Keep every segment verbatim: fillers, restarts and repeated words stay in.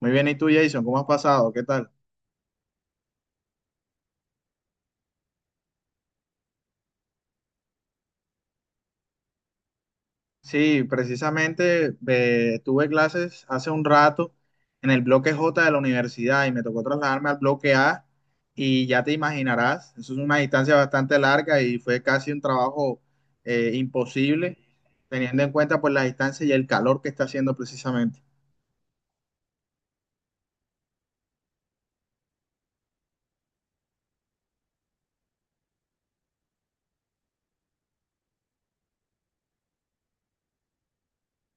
Muy bien, ¿y tú, Jason? ¿Cómo has pasado? ¿Qué tal? Sí, precisamente, eh, tuve clases hace un rato en el bloque jota de la universidad y me tocó trasladarme al bloque A y ya te imaginarás, eso es una distancia bastante larga y fue casi un trabajo eh, imposible, teniendo en cuenta pues la distancia y el calor que está haciendo precisamente.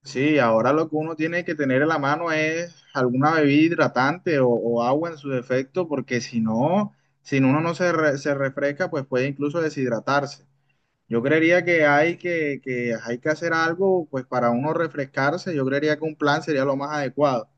Sí, ahora lo que uno tiene que tener en la mano es alguna bebida hidratante o, o agua en su defecto, porque si no, si uno no se, re- se refresca, pues puede incluso deshidratarse. Yo creería que hay que, que hay que hacer algo pues para uno refrescarse. Yo creería que un plan sería lo más adecuado.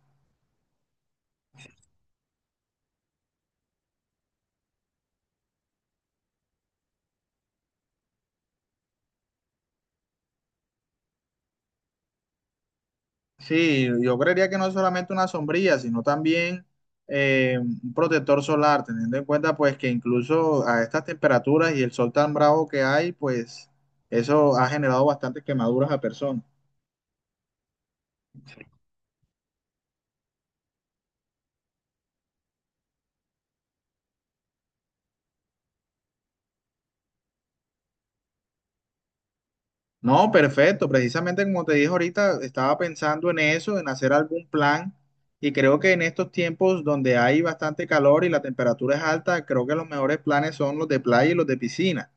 Sí, yo creería que no es solamente una sombrilla, sino también eh, un protector solar, teniendo en cuenta pues que incluso a estas temperaturas y el sol tan bravo que hay, pues eso ha generado bastantes quemaduras a personas. No, perfecto. Precisamente como te dije ahorita, estaba pensando en eso, en hacer algún plan. Y creo que en estos tiempos donde hay bastante calor y la temperatura es alta, creo que los mejores planes son los de playa y los de piscina.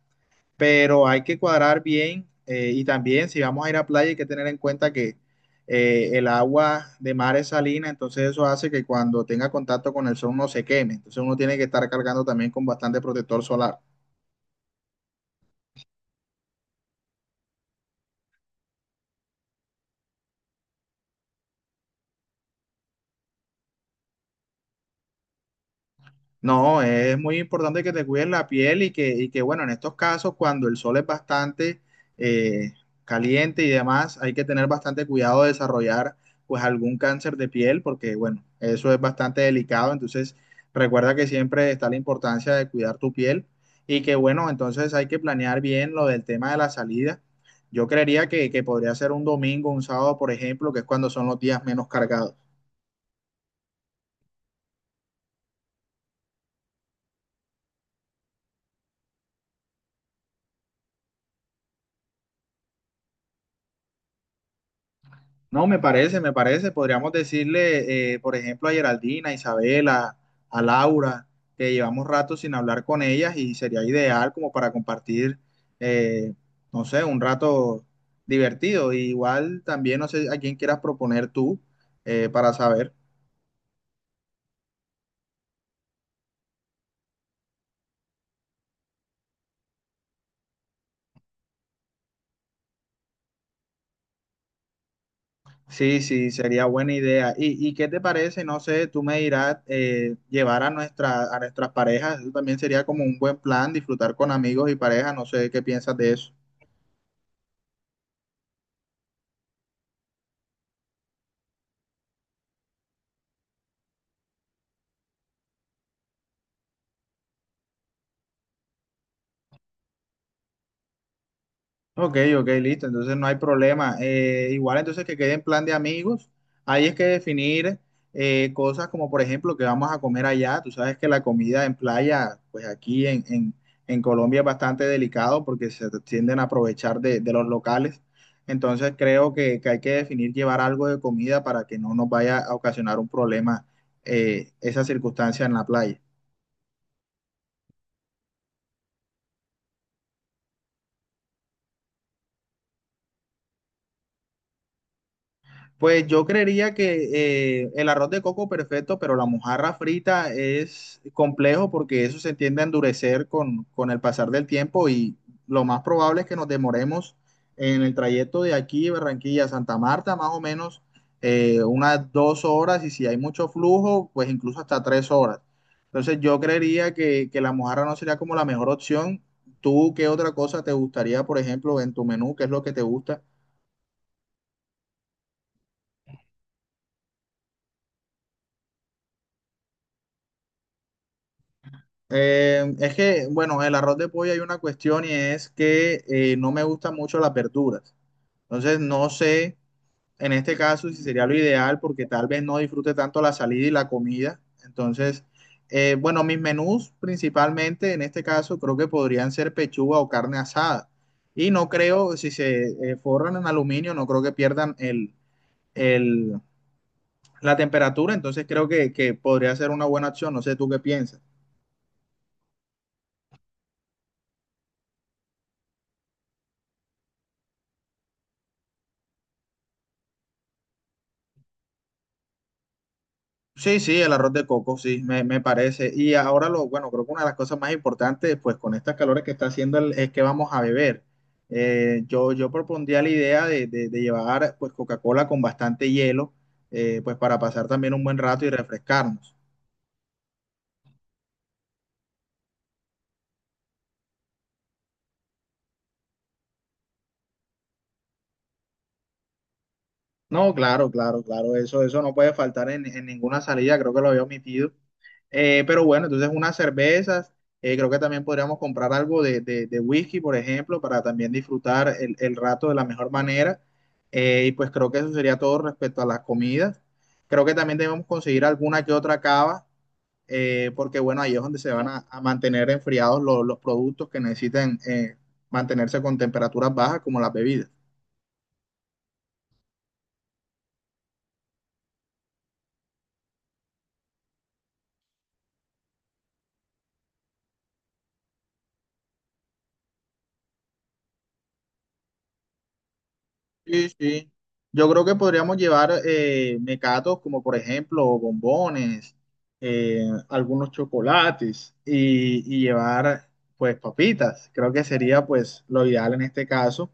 Pero hay que cuadrar bien, eh, y también si vamos a ir a playa hay que tener en cuenta que eh, el agua de mar es salina, entonces eso hace que cuando tenga contacto con el sol no se queme, entonces uno tiene que estar cargando también con bastante protector solar. No, es muy importante que te cuides la piel y que, y que, bueno, en estos casos, cuando el sol es bastante eh, caliente y demás, hay que tener bastante cuidado de desarrollar, pues, algún cáncer de piel, porque, bueno, eso es bastante delicado. Entonces, recuerda que siempre está la importancia de cuidar tu piel y que, bueno, entonces hay que planear bien lo del tema de la salida. Yo creería que, que podría ser un domingo, un sábado, por ejemplo, que es cuando son los días menos cargados. No, me parece, me parece. Podríamos decirle, eh, por ejemplo, a Geraldina, a Isabela, a Laura, que llevamos rato sin hablar con ellas y sería ideal como para compartir, eh, no sé, un rato divertido. Y igual también, no sé a quién quieras proponer tú eh, para saber. Sí, sí, sería buena idea. ¿Y, y qué te parece? No sé, tú me dirás eh, llevar a nuestra, a nuestras parejas. Eso también sería como un buen plan, disfrutar con amigos y parejas. No sé qué piensas de eso. Ok, ok, listo, entonces no hay problema. Eh, igual entonces que quede en plan de amigos, ahí es que definir eh, cosas como por ejemplo que vamos a comer allá. Tú sabes que la comida en playa, pues aquí en, en- en Colombia es bastante delicado porque se tienden a aprovechar de, de los locales. Entonces creo que, que hay que definir llevar algo de comida para que no nos vaya a ocasionar un problema eh, esa circunstancia en la playa. Pues yo creería que eh, el arroz de coco perfecto, pero la mojarra frita es complejo porque eso se tiende a endurecer con, con el pasar del tiempo y lo más probable es que nos demoremos en el trayecto de aquí, Barranquilla a Santa Marta, más o menos eh, unas dos horas y si hay mucho flujo, pues incluso hasta tres horas. Entonces yo creería que, que la mojarra no sería como la mejor opción. ¿Tú qué otra cosa te gustaría, por ejemplo, en tu menú? ¿Qué es lo que te gusta? Eh, es que, bueno, el arroz de pollo hay una cuestión y es que eh, no me gustan mucho las verduras. Entonces, no sé en este caso si sería lo ideal porque tal vez no disfrute tanto la salida y la comida. Entonces, eh, bueno, mis menús principalmente en este caso creo que podrían ser pechuga o carne asada. Y no creo, si se eh, forran en aluminio, no creo que pierdan el, el- la temperatura. Entonces, creo que, que podría ser una buena opción. No sé tú qué piensas. Sí, sí, el arroz de coco, sí, me, me parece. Y ahora lo, bueno, creo que una de las cosas más importantes, pues con estas calores que está haciendo el- es que vamos a beber. Eh, yo, yo propondría la idea de, de- de llevar pues Coca-Cola con bastante hielo, eh, pues para pasar también un buen rato y refrescarnos. No, claro, claro, claro, eso, eso no puede faltar en, en ninguna salida, creo que lo había omitido. Eh, pero bueno, entonces unas cervezas, eh, creo que también podríamos comprar algo de, de, de whisky, por ejemplo, para también disfrutar el, el rato de la mejor manera. Eh, y pues creo que eso sería todo respecto a las comidas. Creo que también debemos conseguir alguna que otra cava, eh, porque bueno, ahí es donde se van a, a mantener enfriados los, los productos que necesitan eh, mantenerse con temperaturas bajas, como las bebidas. Sí, sí. Yo creo que podríamos llevar eh, mecatos como por ejemplo bombones, eh, algunos chocolates y, y llevar pues papitas. Creo que sería pues lo ideal en este caso.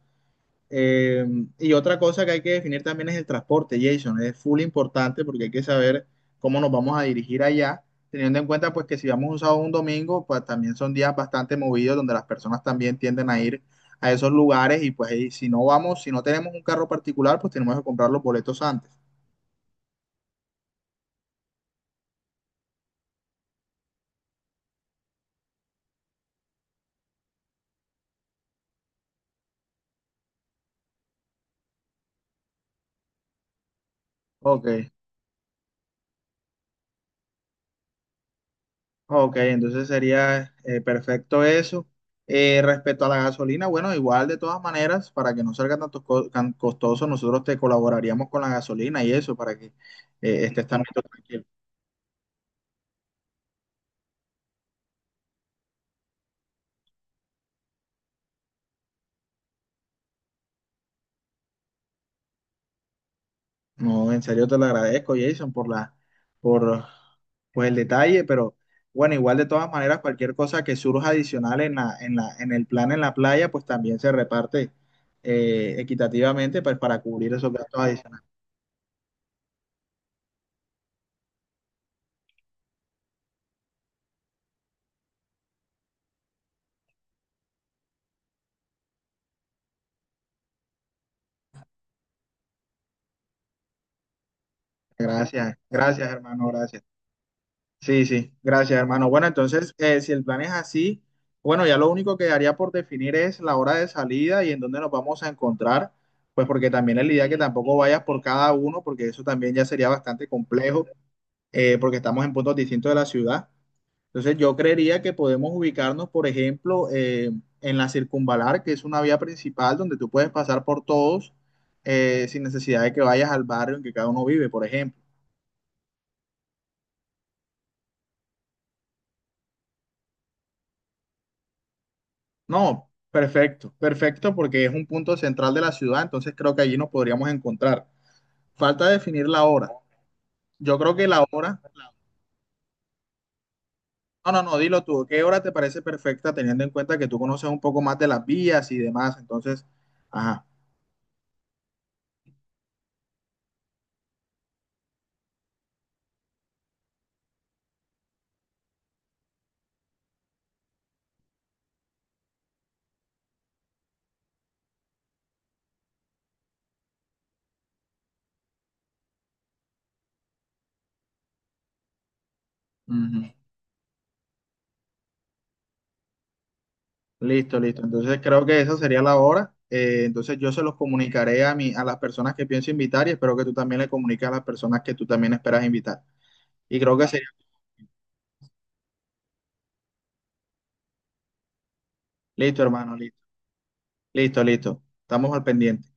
Eh, y otra cosa que hay que definir también es el transporte, Jason. Es full importante porque hay que saber cómo nos vamos a dirigir allá, teniendo en cuenta pues que si vamos un sábado o un domingo, pues también son días bastante movidos donde las personas también tienden a ir a esos lugares y pues ahí, si no vamos, si no tenemos un carro particular, pues tenemos que comprar los boletos antes. Ok. Ok, entonces sería eh, perfecto eso. Eh, respecto a la gasolina, bueno, igual de todas maneras, para que no salga tanto co- tan costoso, nosotros te colaboraríamos con la gasolina y eso, para que eh, estés también tranquilo. No, en serio te lo agradezco, Jason, por la, por pues, el detalle, pero bueno, igual de todas maneras, cualquier cosa que surja adicional en la, en la, en el plan en la playa, pues también se reparte eh, equitativamente pues, para cubrir esos gastos adicionales. Gracias, gracias, hermano, gracias. Sí, sí, gracias, hermano. Bueno, entonces, eh, si el plan es así, bueno, ya lo único que haría por definir es la hora de salida y en dónde nos vamos a encontrar, pues porque también es la idea que tampoco vayas por cada uno, porque eso también ya sería bastante complejo, eh, porque estamos en puntos distintos de la ciudad. Entonces, yo creería que podemos ubicarnos, por ejemplo, eh, en la Circunvalar, que es una vía principal donde tú puedes pasar por todos eh, sin necesidad de que vayas al barrio en que cada uno vive, por ejemplo. No, perfecto, perfecto, porque es un punto central de la ciudad, entonces creo que allí nos podríamos encontrar. Falta definir la hora. Yo creo que la hora, no, no, no, dilo tú, ¿qué hora te parece perfecta teniendo en cuenta que tú conoces un poco más de las vías y demás? Entonces, ajá, ujú, listo, listo. Entonces creo que esa sería la hora. Eh, entonces yo se los comunicaré a mí, a las personas que pienso invitar y espero que tú también le comuniques a las personas que tú también esperas invitar. Y creo que sería, listo, hermano, listo, listo, listo. Estamos al pendiente.